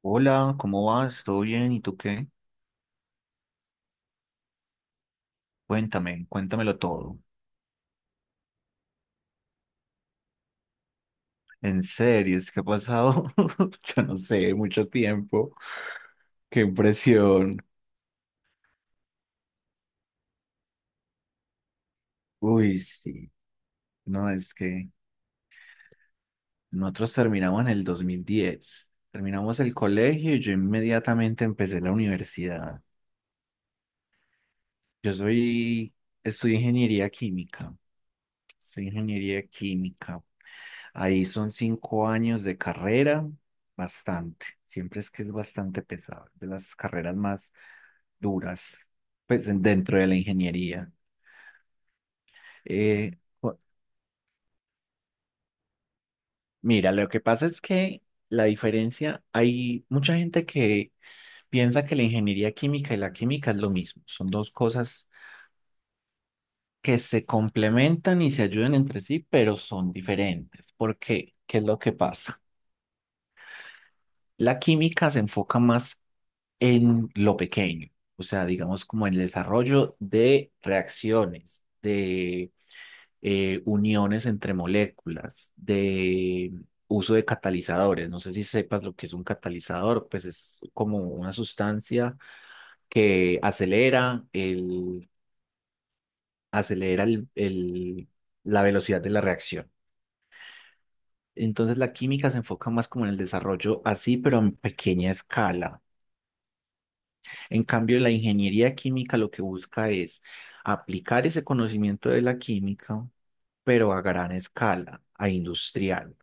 Hola, ¿cómo vas? ¿Todo bien? ¿Y tú qué? Cuéntame, cuéntamelo todo. En series, ¿qué ha pasado? Yo no sé, mucho tiempo. Qué impresión. Uy, sí. No, es que nosotros terminamos en el 2010. Terminamos el colegio y yo inmediatamente empecé la universidad. Yo soy, estudié ingeniería química. Soy ingeniería química. Ahí son 5 años de carrera, bastante. Siempre es que es bastante pesado, de las carreras más duras, dentro de la ingeniería. Eh, jo- mira, lo que pasa es que la diferencia, hay mucha gente que piensa que la ingeniería química y la química es lo mismo. Son dos cosas que se complementan y se ayudan entre sí, pero son diferentes. ¿Por qué? ¿Qué es lo que pasa? La química se enfoca más en lo pequeño, o sea, digamos como en el desarrollo de reacciones, de uniones entre moléculas, de uso de catalizadores. No sé si sepas lo que es un catalizador, pues es como una sustancia que acelera acelera la velocidad de la reacción. Entonces la química se enfoca más como en el desarrollo así, pero en pequeña escala. En cambio, la ingeniería química lo que busca es aplicar ese conocimiento de la química, pero a gran escala, a industrial.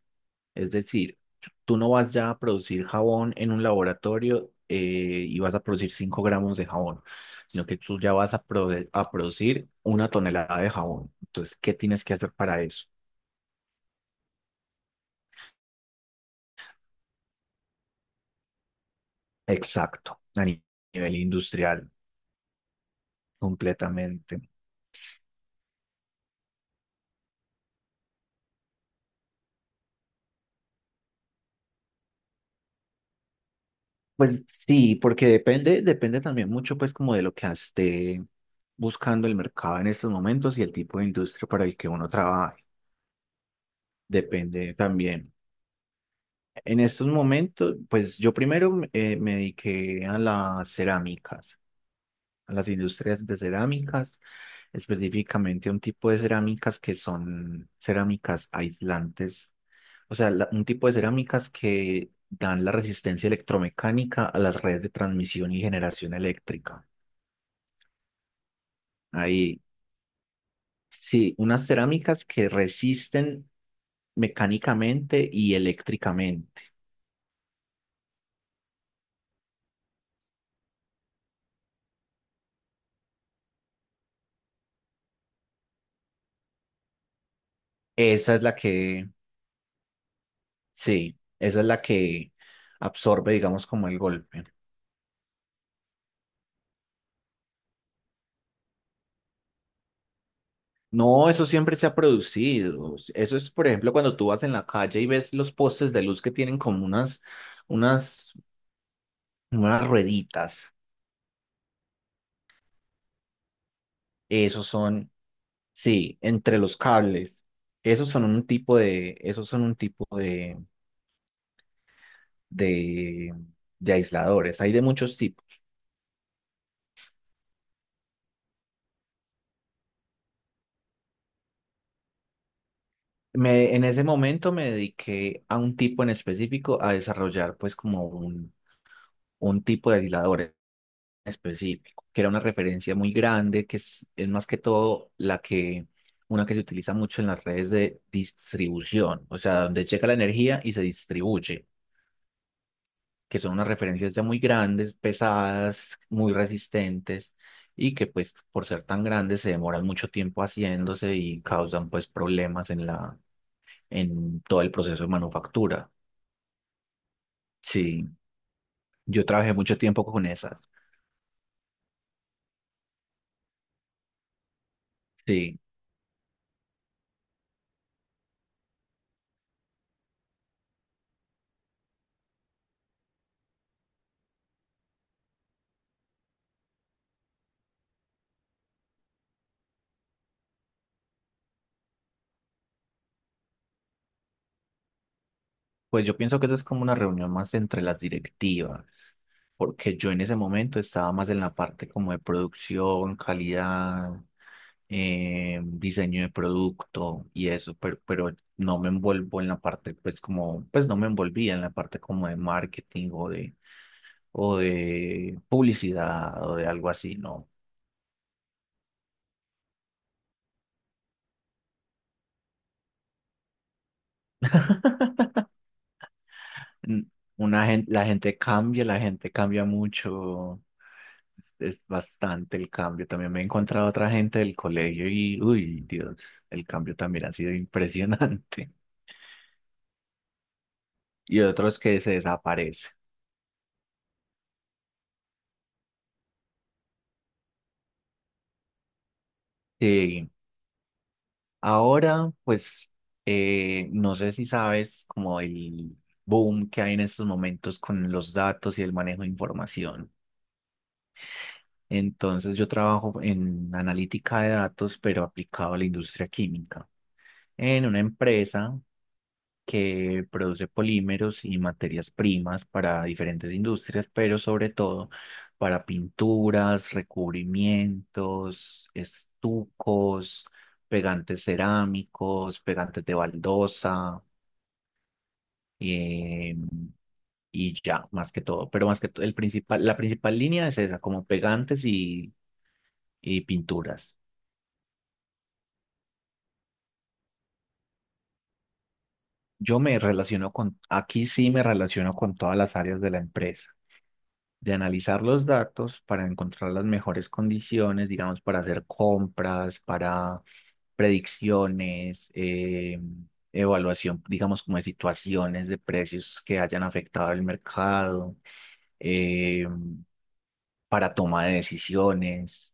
Es decir, tú no vas ya a producir jabón en un laboratorio y vas a producir 5 gramos de jabón, sino que tú ya vas a, a producir una tonelada de jabón. Entonces, ¿qué tienes que hacer para eso? Exacto, a ni- nivel industrial, completamente. Pues sí, porque depende, depende también mucho pues como de lo que esté buscando el mercado en estos momentos y el tipo de industria para el que uno trabaje. Depende también. En estos momentos, pues yo primero me dediqué a las cerámicas, a las industrias de cerámicas, específicamente a un tipo de cerámicas que son cerámicas aislantes, o sea, un tipo de cerámicas que dan la resistencia electromecánica a las redes de transmisión y generación eléctrica. Ahí, sí, unas cerámicas que resisten mecánicamente y eléctricamente. Esa es la que, sí, esa es la que absorbe, digamos, como el golpe. No, eso siempre se ha producido. Eso es, por ejemplo, cuando tú vas en la calle y ves los postes de luz que tienen como unas, unas rueditas. Esos son, sí, entre los cables. Esos son un tipo de, de, de aisladores. Hay de muchos tipos. En ese momento me dediqué a un tipo en específico a desarrollar pues como un tipo de aislador en específico, que era una referencia muy grande, es más que todo una que se utiliza mucho en las redes de distribución, o sea, donde llega la energía y se distribuye. Que son unas referencias ya muy grandes, pesadas, muy resistentes y que pues por ser tan grandes se demoran mucho tiempo haciéndose y causan pues problemas en en todo el proceso de manufactura. Sí, yo trabajé mucho tiempo con esas. Sí. Pues yo pienso que eso es como una reunión más entre las directivas, porque yo en ese momento estaba más en la parte como de producción, calidad, diseño de producto y eso, pero no me envuelvo en la parte, pues como, pues no me envolvía en la parte como de marketing o de publicidad o de algo así, no. N- Una gente, la gente cambia mucho. Es bastante el cambio. También me he encontrado otra gente del colegio y, uy, Dios, el cambio también ha sido impresionante. Y otros que se desaparecen. Sí, ahora, pues, no sé si sabes como el boom que hay en estos momentos con los datos y el manejo de información. Entonces, yo trabajo en analítica de datos, pero aplicado a la industria química, en una empresa que produce polímeros y materias primas para diferentes industrias, pero sobre todo para pinturas, recubrimientos, estucos, pegantes cerámicos, pegantes de baldosa, eh, y ya, más que todo. Pero más que todo, el principal, la principal línea es esa, como pegantes y pinturas. Yo me relaciono con, aquí sí me relaciono con todas las áreas de la empresa. De analizar los datos para encontrar las mejores condiciones, digamos, para hacer compras, para predicciones, evaluación, digamos, como de situaciones de precios que hayan afectado el mercado, eh, para toma de decisiones,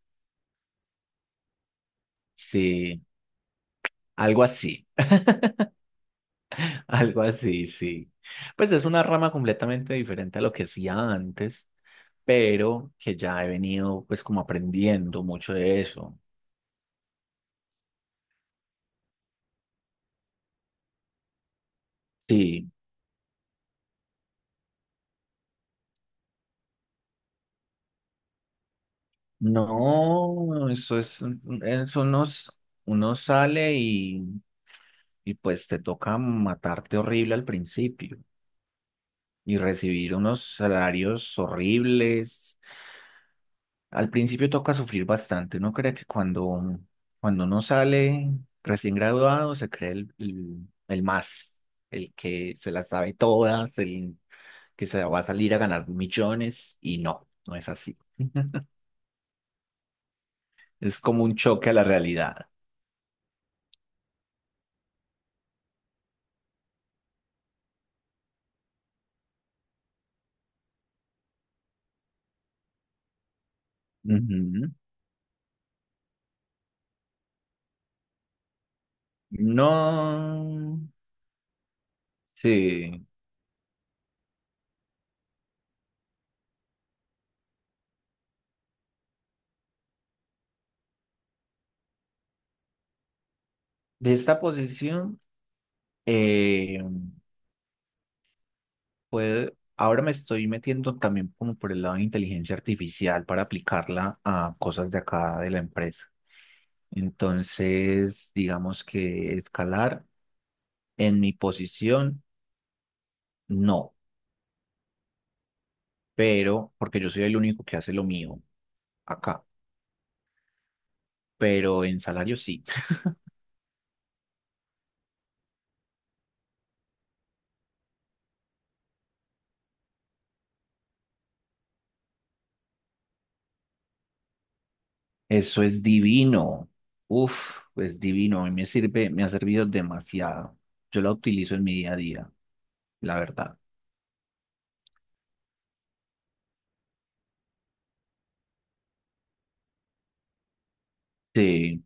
sí, algo así, algo así, sí. Pues es una rama completamente diferente a lo que hacía antes, pero que ya he venido pues como aprendiendo mucho de eso. Sí. No, eso es, un- eso unos, uno sale y pues te toca matarte horrible al principio y recibir unos salarios horribles. Al principio toca sufrir bastante. Uno cree que cuando uno sale recién graduado se cree el más, el que se las sabe todas, el que se va a salir a ganar millones y no, no es así. Es como un choque a la realidad. No, sí. De esta posición, eh, ahora me estoy metiendo también como por el lado de inteligencia artificial para aplicarla a cosas de acá de la empresa. Entonces, digamos que escalar en mi posición, no, pero porque yo soy el único que hace lo mío acá, pero en salario sí. Eso es divino. Uf, es divino. A mí me sirve, me ha servido demasiado. Yo la utilizo en mi día a día, la verdad. Sí.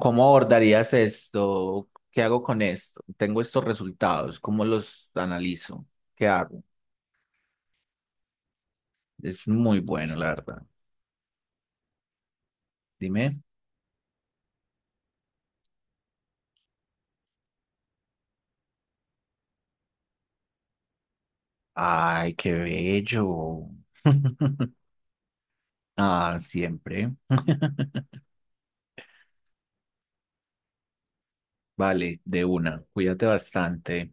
¿Cómo abordarías esto? ¿Qué hago con esto? Tengo estos resultados. ¿Cómo los analizo? ¿Qué hago? Es muy bueno, la verdad. Dime. Ay, qué bello. Ah, siempre. Vale, de una. Cuídate bastante.